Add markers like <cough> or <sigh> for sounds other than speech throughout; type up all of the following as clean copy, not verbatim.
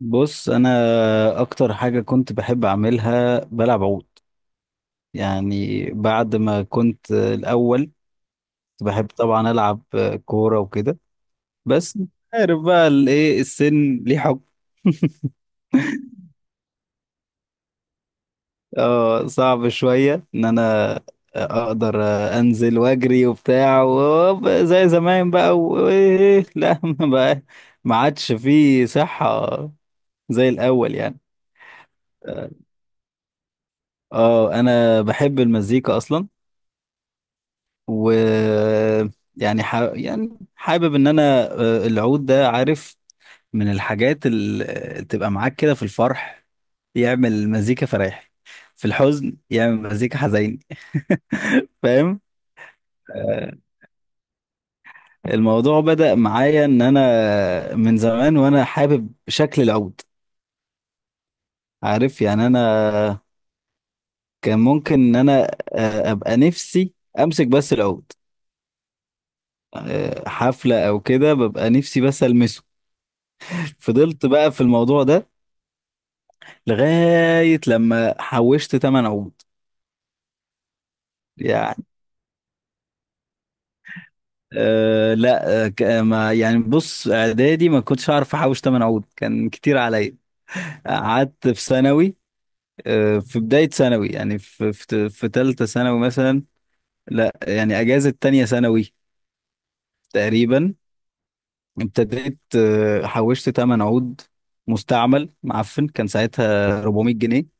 بص، انا اكتر حاجه كنت بحب اعملها بلعب عود. يعني بعد ما كنت الاول، كنت بحب طبعا العب كوره وكده. بس عارف بقى الايه، السن ليه حكم. اه، صعب شويه ان انا اقدر انزل واجري وبتاع زي زمان بقى وايه، لا <laughs> ما بقى، ما عادش فيه صحه زي الاول يعني. اه انا بحب المزيكا اصلا. و يعني حابب ان انا، العود ده عارف، من الحاجات اللي تبقى معاك كده في الفرح يعمل مزيكا فرايح، في الحزن يعمل مزيكا حزين، فاهم. آه، الموضوع بدأ معايا ان انا من زمان وانا حابب شكل العود. عارف يعني انا كان ممكن ان انا ابقى نفسي امسك بس العود. حفلة او كده ببقى نفسي بس المسه. <laughs> فضلت بقى في الموضوع ده لغاية لما حوشت تمن عود يعني. آه لا آه ك- آه، ما يعني بص اعدادي ما كنتش اعرف احوش تمن عود، كان كتير عليا. قعدت في ثانوي، آه في بداية ثانوي يعني في ثالثة ثانوي مثلا، لا يعني اجازة تانية ثانوي تقريبا ابتديت. حوشت تمن عود مستعمل معفن، كان ساعتها 400 جنيه.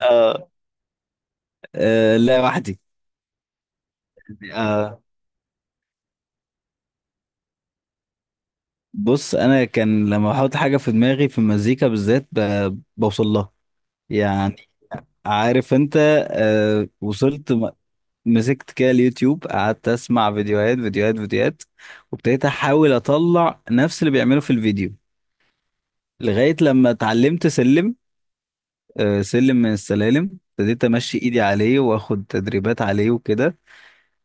آه. لا وحدي. آه، بص انا كان لما احط حاجه في دماغي في المزيكا بالذات بوصل لها يعني، عارف انت. آه وصلت م- مسكت كده اليوتيوب قعدت اسمع فيديوهات فيديوهات فيديوهات، وابتديت احاول اطلع نفس اللي بيعمله في الفيديو، لغايه لما اتعلمت سلم. آه سلم من السلالم، ابتديت امشي ايدي عليه واخد تدريبات عليه وكده.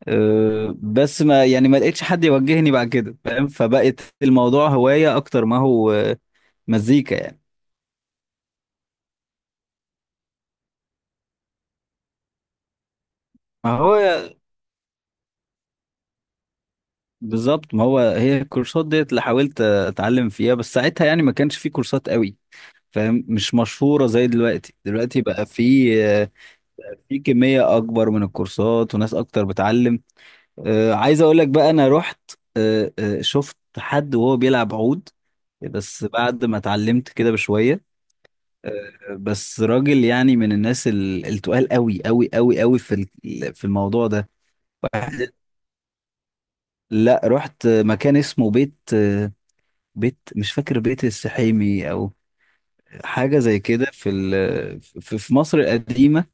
آه بس ما لقيتش حد يوجهني بعد كده، فاهم. فبقت الموضوع هوايه اكتر ما هو مزيكا يعني. ما هو بالظبط، ما هو هي الكورسات ديت اللي حاولت اتعلم فيها، بس ساعتها يعني ما كانش في كورسات قوي، فاهم. مش مشهورة زي دلوقتي. دلوقتي بقى في في كمية اكبر من الكورسات وناس اكتر بتعلم. عايز اقول لك بقى، انا رحت شفت حد وهو بيلعب عود، بس بعد ما اتعلمت كده بشوية. بس راجل يعني من الناس التقال قوي قوي قوي قوي في في الموضوع ده. واحد- لا، رحت مكان اسمه بيت، بيت مش فاكر، بيت السحيمي او حاجه زي كده في في مصر القديمه.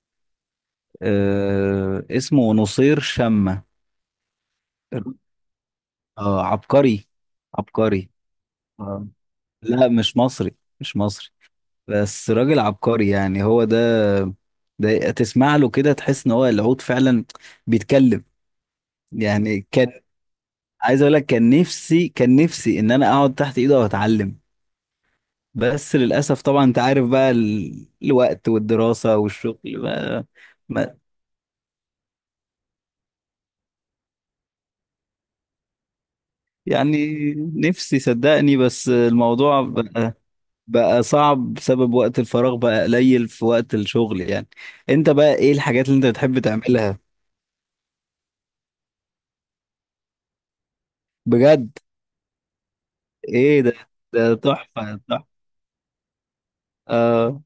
آه اسمه نصير شمة، آه عبقري. عبقري آه. لا مش مصري، مش مصري، بس راجل عبقري يعني. هو ده، ده تسمع له كده تحس ان هو العود فعلا بيتكلم يعني. كان عايز اقول لك، كان نفسي كان نفسي ان انا اقعد تحت ايده واتعلم، بس للأسف طبعا أنت عارف بقى الوقت والدراسة والشغل بقى. ما يعني نفسي صدقني، بس الموضوع بقى صعب بسبب وقت الفراغ بقى قليل في وقت الشغل يعني. أنت بقى إيه الحاجات اللي أنت بتحب تعملها؟ بجد؟ إيه ده، ده تحفة تحفة. آه.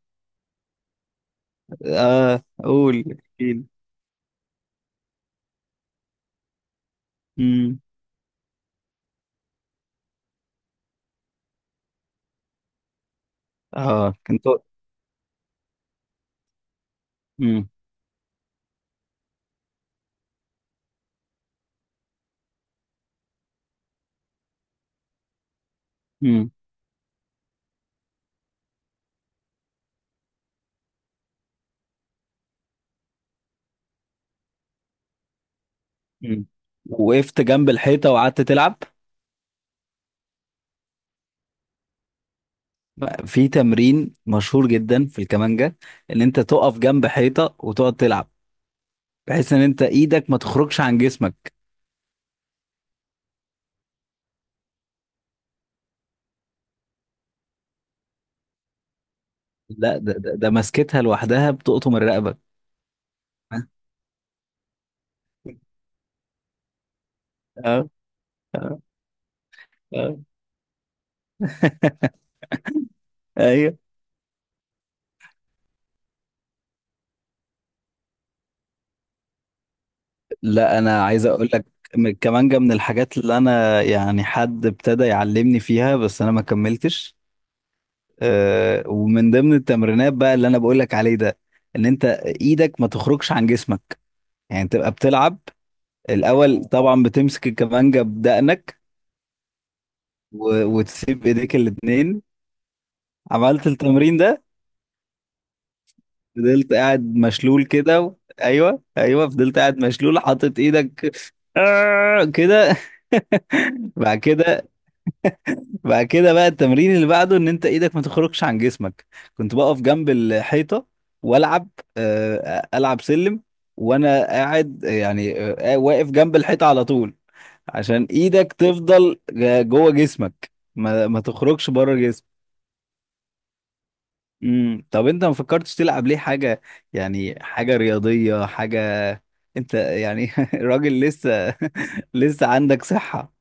آه قول احكيلي. امم. آه كنت. امم. امم امم وقفت جنب الحيطة وقعدت تلعب؟ في تمرين مشهور جدا في الكمانجا، ان انت تقف جنب حيطه وتقعد تلعب، بحيث ان انت ايدك ما تخرجش عن جسمك. لا ده مسكتها لوحدها بتقطم الرقبه. <laughs> اه اه اه. ايوه. لا انا عايز اقول لك، من الكمانجا من الحاجات اللي انا يعني حد ابتدى يعلمني فيها بس انا ما كملتش. أه، ومن ضمن التمرينات بقى اللي انا بقول لك عليه ده، ان انت ايدك ما تخرجش عن جسمك، يعني تبقى بتلعب. الاول طبعا بتمسك الكمانجا بدقنك، وتسيب ايديك الاتنين. عملت التمرين ده، فضلت قاعد مشلول كده و ايوه ايوه، فضلت قاعد مشلول حاطط ايدك، كده. <laughs> بعد كده، بعد كده بقى التمرين اللي بعده ان انت ايدك ما تخرجش عن جسمك، كنت بقف جنب الحيطة والعب، العب سلم وانا قاعد يعني، واقف جنب الحيطة على طول، عشان ايدك تفضل جوه جسمك، ما تخرجش بره جسمك. امم، طب انت ما فكرتش تلعب ليه حاجه، يعني حاجه رياضيه حاجه؟ انت يعني <laughs> راجل لسه <laughs> لسه عندك صحه.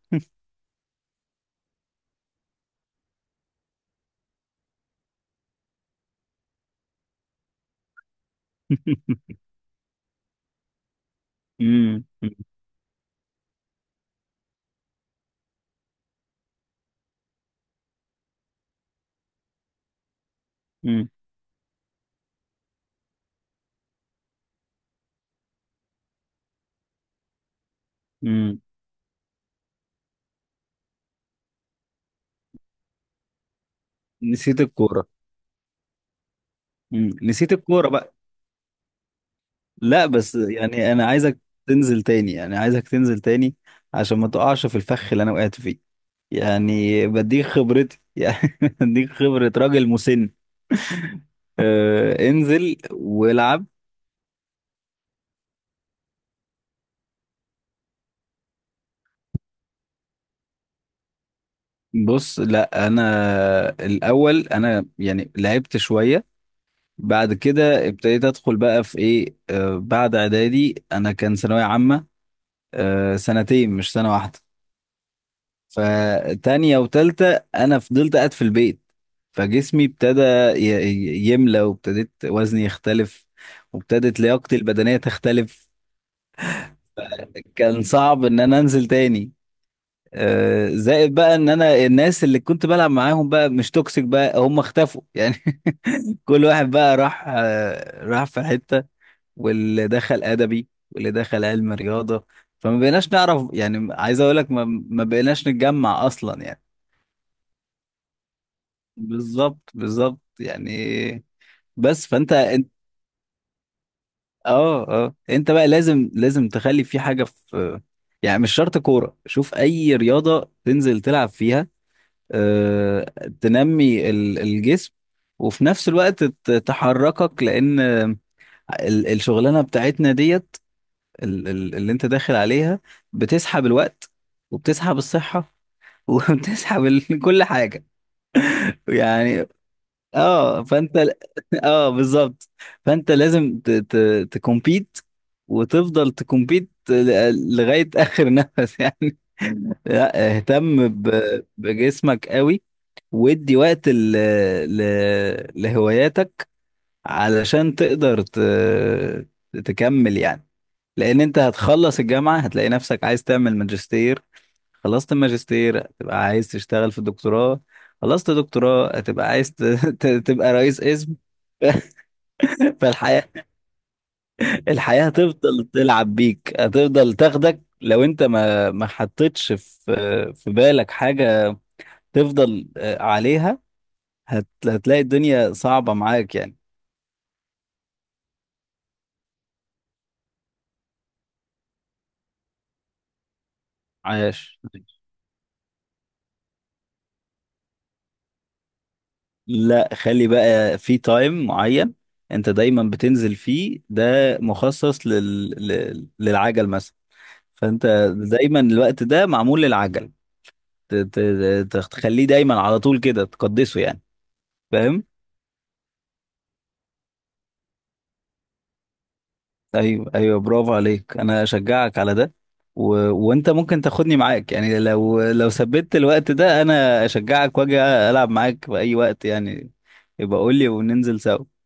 <laughs> امم امم امم، نسيت الكوره. نسيت الكوره بقى. لا بس يعني انا عايزك تنزل تاني، يعني عايزك تنزل تاني عشان ما تقعش في الفخ اللي انا وقعت فيه، يعني بديك خبرتي <laughs> يعني، بديك خبره راجل مسن. انزل والعب. بص لا، انا الاول انا يعني لعبت شويه، بعد كده ابتديت ادخل بقى في ايه، آه بعد اعدادي انا كان ثانويه عامه، آه سنتين مش سنه واحده. فتانية وتالتة انا فضلت قاعد في البيت، فجسمي ابتدى يملى، وابتديت وزني يختلف، وابتدت لياقتي البدنيه تختلف. كان صعب ان انا انزل تاني، زائد بقى ان انا الناس اللي كنت بلعب معاهم بقى مش توكسيك بقى، هم اختفوا <laughs> يعني. كل واحد بقى راح راح في حتة، واللي دخل أدبي واللي دخل علم رياضة، فما بقيناش نعرف يعني، عايز أقول لك ما بقيناش نتجمع أصلا يعني. بالظبط بالظبط يعني. بس فأنت أنت، اه اه أنت بقى لازم تخلي في حاجة في، يعني مش شرط كورة، شوف أي رياضة تنزل تلعب فيها، آه، تنمي الجسم، وفي نفس الوقت تحركك، لأن الشغلانة بتاعتنا ديت، اللي انت داخل عليها، بتسحب الوقت وبتسحب الصحة <laughs> وبتسحب كل حاجة يعني. اه فانت ل- <laughs> اه بالظبط، فانت لازم تكمبيت وتفضل تكمبيت لغاية آخر <laughs> نفس يعني. لا، اهتم بجسمك قوي، وادي وقت ل... لهواياتك، علشان تقدر تكمل يعني. لان انت هتخلص الجامعه هتلاقي نفسك عايز تعمل ماجستير، خلصت الماجستير هتبقى عايز تشتغل في الدكتوراه، خلصت دكتوراه هتبقى عايز تبقى رئيس اسم. <laughs> فالحياه، الحياه هتفضل تلعب بيك، هتفضل تاخدك لو انت ما حطيتش في في بالك حاجه تفضل عليها. هتلاقي الدنيا صعبه معاك يعني. عاش. لا، خلي بقى في تايم معين انت دايما بتنزل فيه، ده مخصص للعجل مثلا. فانت دايما الوقت ده معمول للعجل، ت... ت... تخليه دايما على طول كده تقدسه يعني. فاهم. ايوه ايوه، برافو عليك، انا اشجعك على ده، و... وانت ممكن تاخدني معاك يعني، لو لو ثبت الوقت ده انا اشجعك واجي العب معاك في اي وقت يعني. يبقى قول لي وننزل سوا.